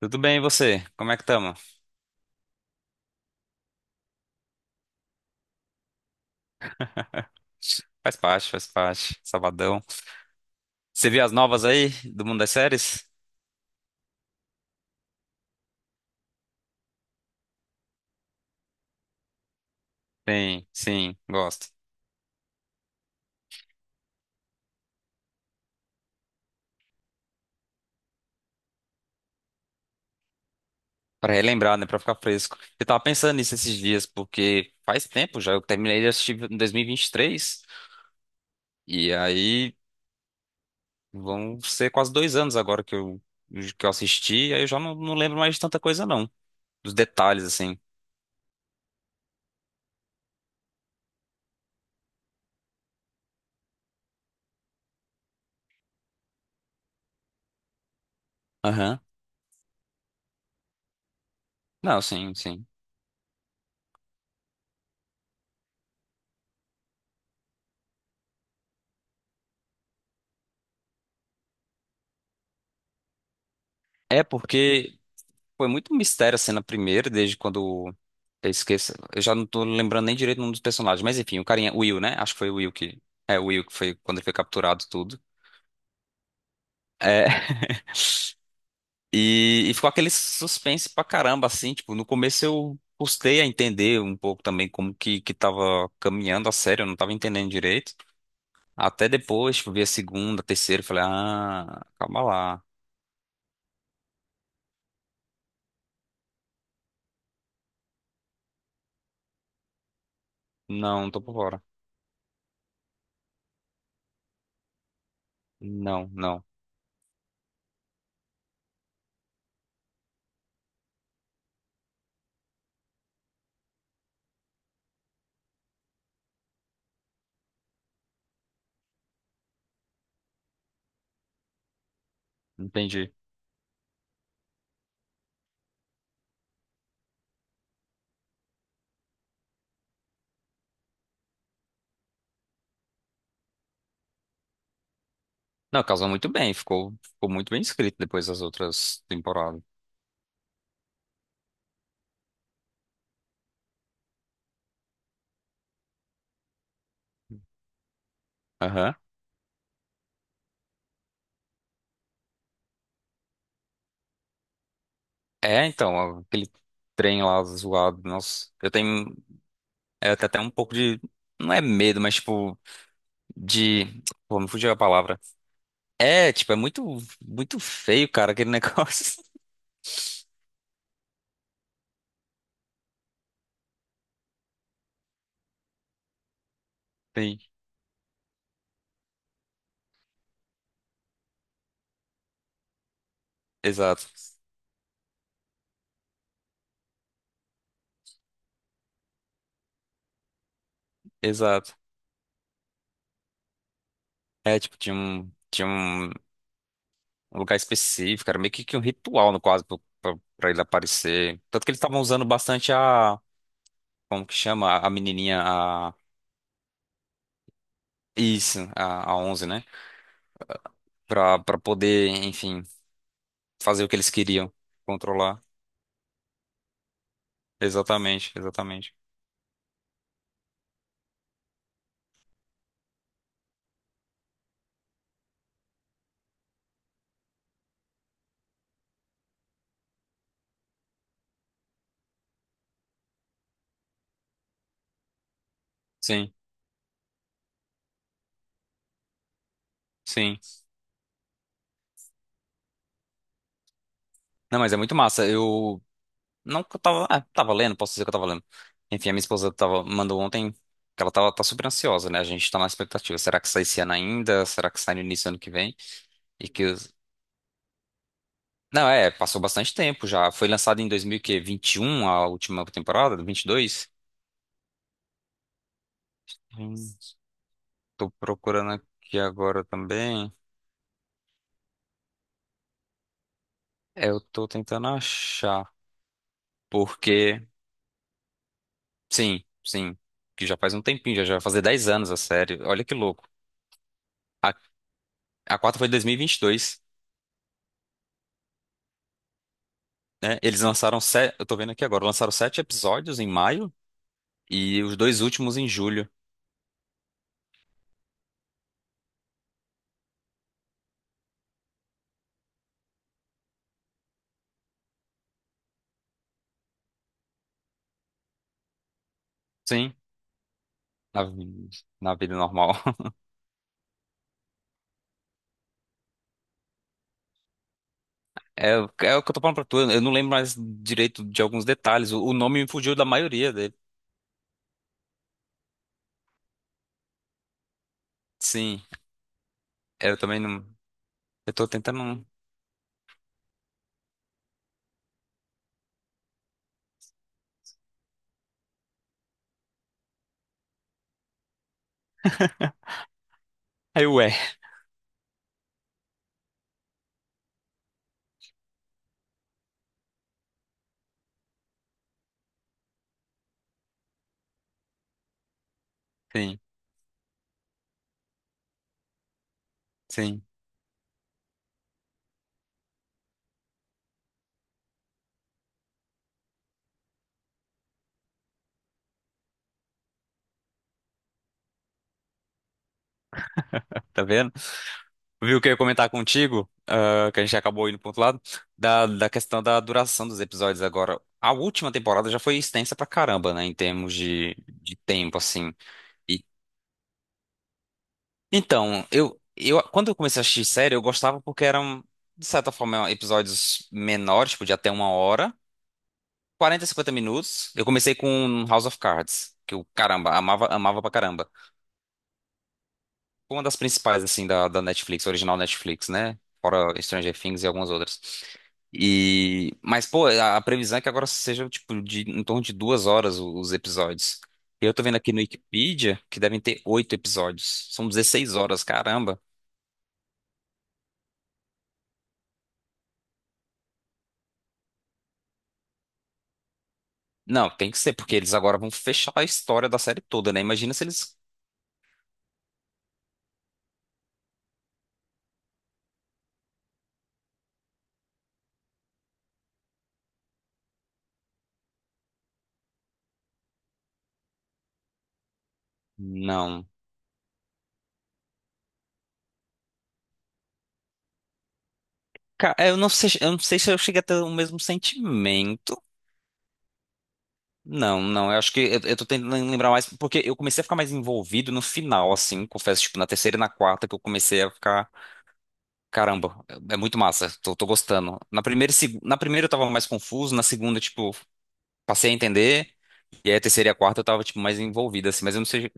Tudo bem, e você? Como é que tamo? Faz parte, faz parte. Sabadão. Você viu as novas aí do mundo das séries? Sim, sim, gosto. Pra relembrar, né? Pra ficar fresco. Eu tava pensando nisso esses dias, porque faz tempo já. Eu terminei de assistir em 2023. E 23. E aí vão ser quase 2 anos agora que eu assisti. Aí eu já não lembro mais de tanta coisa, não. Dos detalhes, assim. Aham. Não, sim, sim. É porque foi muito mistério assim na primeira, desde quando eu esqueço. Eu já não tô lembrando nem direito o nome dos personagens, mas enfim, o carinha, o Will, né? Acho que foi o Will que. É, o Will que foi quando ele foi capturado tudo. É, e ficou aquele suspense pra caramba, assim, tipo, no começo eu custei a entender um pouco também como que tava caminhando a série, eu não tava entendendo direito. Até depois, tipo, vi a segunda, a terceira, eu falei, ah, calma lá. Não, tô por fora. Não, não, entendi. Não, casou muito bem, ficou muito bem escrito depois das outras temporadas. Aham. É, então, aquele trem lá zoado, nossa, eu tenho é, até um pouco de, não é medo, mas tipo, de, pô, me fugiu a palavra. É, tipo, é muito, muito feio, cara, aquele negócio. Sim, exato, exato. É, tipo, tinha um lugar específico, era meio que um ritual, no quase, pra ele aparecer. Tanto que eles estavam usando bastante a, como que chama, a menininha, isso, a 11, né? Pra poder, enfim, fazer o que eles queriam, controlar. Exatamente, exatamente. Sim, sim. Não, mas é muito massa. Eu não que eu tava, tava lendo, posso dizer que eu tava lendo. Enfim, a minha esposa tava, mandou ontem que ela tava, tá super ansiosa, né? A gente tá na expectativa. Será que sai esse ano ainda? Será que sai no início do ano que vem? E que os... Não, é, passou bastante tempo já. Foi lançado em 2021 a última temporada, 22. Hum, Tô procurando aqui agora também. É, eu tô tentando achar, porque sim, sim, que já faz um tempinho, já vai fazer 10 anos a série. Olha que louco. A, a 4 foi de dois mil e vinte e dois, né? Eles lançaram sete, eu tô vendo aqui agora, lançaram sete episódios em maio e os dois últimos em julho. Sim, na, vi- na vida normal. É, é o que eu tô falando pra tu, eu não lembro mais direito de alguns detalhes, o nome me fugiu da maioria dele. Sim, é, eu também não, eu tô tentando, aí ué, sim, sim. Tá vendo? Viu o que eu ia comentar contigo, que a gente acabou indo pro outro lado, da questão da duração dos episódios agora. A última temporada já foi extensa pra caramba, né, em termos de tempo, assim. E, então, quando eu comecei a assistir série, eu gostava porque eram, de certa forma, episódios menores, tipo, de até 1 hora, 40 50 minutos. Eu comecei com House of Cards, que eu, caramba, amava, amava pra caramba. Uma das principais, assim, da Netflix, original Netflix, né? Fora Stranger Things e algumas outras. E... Mas, pô, a previsão é que agora seja, tipo, de, em torno de 2 horas os episódios. Eu tô vendo aqui no Wikipedia que devem ter oito episódios. São 16 horas, caramba. Não, tem que ser, porque eles agora vão fechar a história da série toda, né? Imagina se eles... Não. Cara, eu não sei se eu cheguei a ter o mesmo sentimento. Não, não, eu acho que eu tô tentando lembrar mais, porque eu comecei a ficar mais envolvido no final, assim, confesso, tipo, na terceira e na quarta que eu comecei a ficar, caramba, é muito massa, tô gostando. Na primeira, na primeira eu tava mais confuso, na segunda, tipo, passei a entender, e aí a terceira e a quarta eu tava, tipo, mais envolvido, assim, mas eu não sei.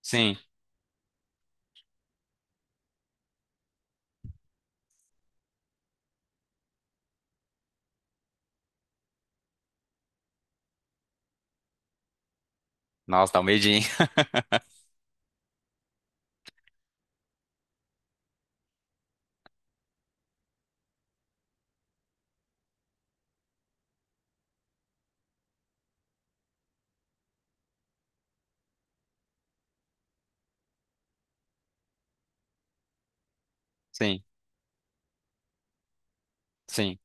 Sim, nossa, dá um medinho. Sim, sim.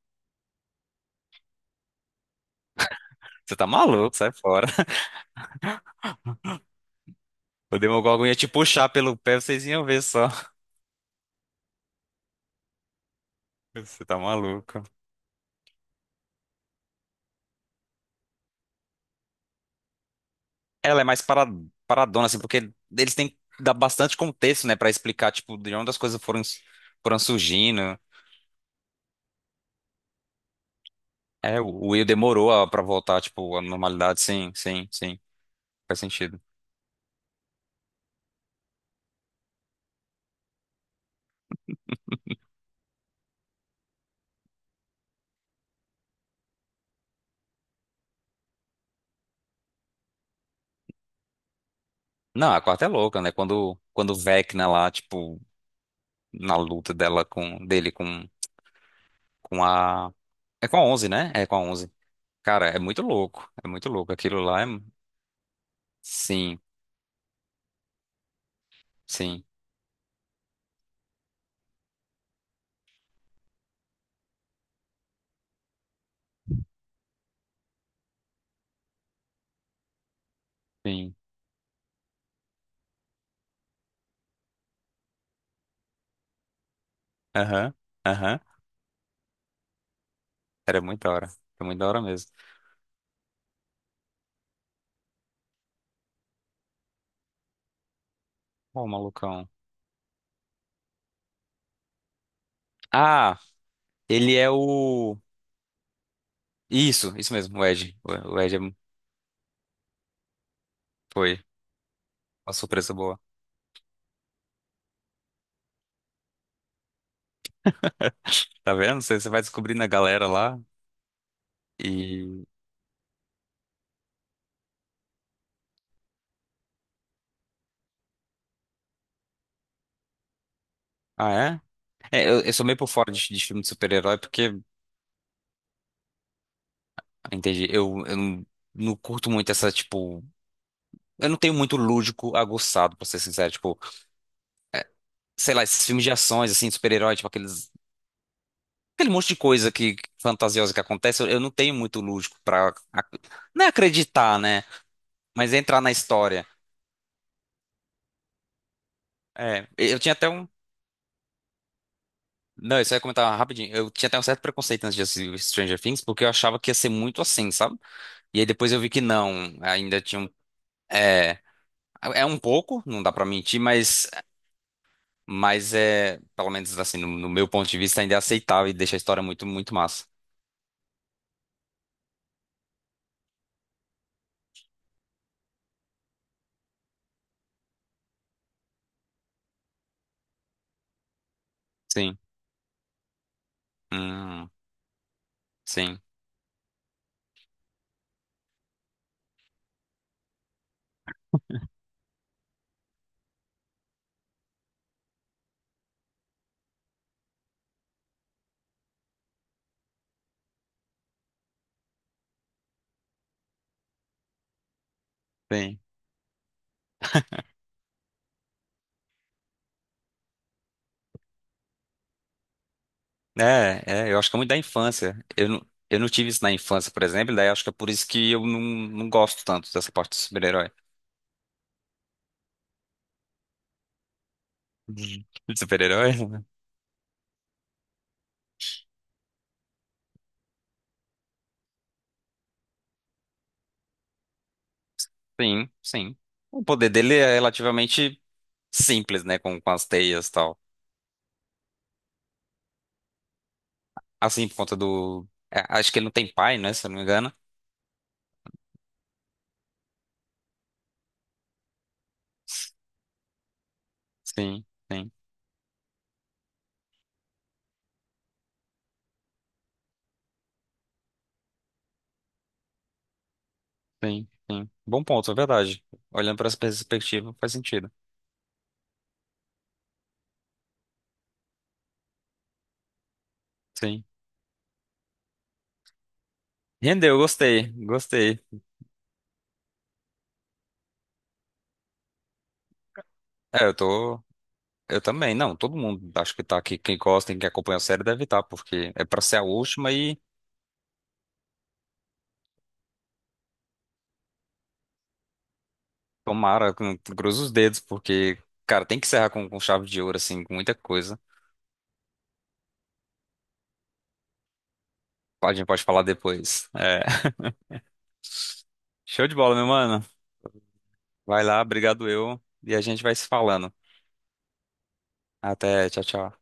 Você tá maluco, sai fora. O Demogorgon ia te puxar pelo pé, vocês iam ver só. Você tá maluco. Ela é mais paradona, assim, porque eles têm que dar bastante contexto, né, pra explicar, tipo, de onde as coisas foram, foram surgindo. É, o Will demorou pra voltar, tipo, à normalidade, sim, sim, sim, faz sentido. Não, a quarta é louca, né, quando o Vecna lá, tipo, na luta dela com, dele com a... É com a 11 né? É com a onze. Cara, é muito louco, aquilo lá é... Sim, sim, sim, aham, aham, era muito da hora, era muito da hora mesmo. Ô, malucão. Ah, ele é o. Isso mesmo, o Ed. O Ed é- foi uma surpresa boa. Tá vendo? Você vai descobrindo a galera lá e. Ah, é? É, eu sou meio por fora de filme de super-herói porque, ah, entendi, eu não, curto muito essa, tipo. Eu não tenho muito lúdico aguçado, pra ser sincero. Tipo, é, sei lá, esses filmes de ações, assim, de super-herói, tipo aqueles. Aquele monte de coisa que fantasiosa que acontece, eu não tenho muito lúdico pra. Não é acreditar, né? Mas é entrar na história. É, eu tinha até um. Não, isso aí eu ia comentar rapidinho. Eu tinha até um certo preconceito antes de assistir Stranger Things, porque eu achava que ia ser muito assim, sabe? E aí depois eu vi que não. Ainda tinha um. É, é, um pouco, não dá pra mentir, mas é, pelo menos assim, no meu ponto de vista, ainda é aceitável e deixa a história muito, muito massa. Sim. Hum, sim, sim. É, eu acho que é muito da infância. Eu não tive isso na infância, por exemplo, daí acho que é por isso que eu não gosto tanto dessa parte do super-herói. De super-herói? Sim, sim. O poder dele é relativamente simples, né? Com as teias e tal. Assim, por conta do. Acho que ele não tem pai, né? Se eu não me engano. Sim, sim, sim, sim. Bom ponto, é verdade. Olhando para essa perspectiva, faz sentido. Sim. Rendeu, gostei, gostei. É, eu tô. Eu também. Não, todo mundo acho que tá aqui. Quem gosta, quem acompanha a série deve estar, porque é pra ser a última e tomara, cruza os dedos, porque, cara, tem que encerrar com chave de ouro, assim, com muita coisa. A gente pode falar depois. É. Show de bola, meu mano. Vai lá, obrigado eu. E a gente vai se falando. Até, tchau, tchau.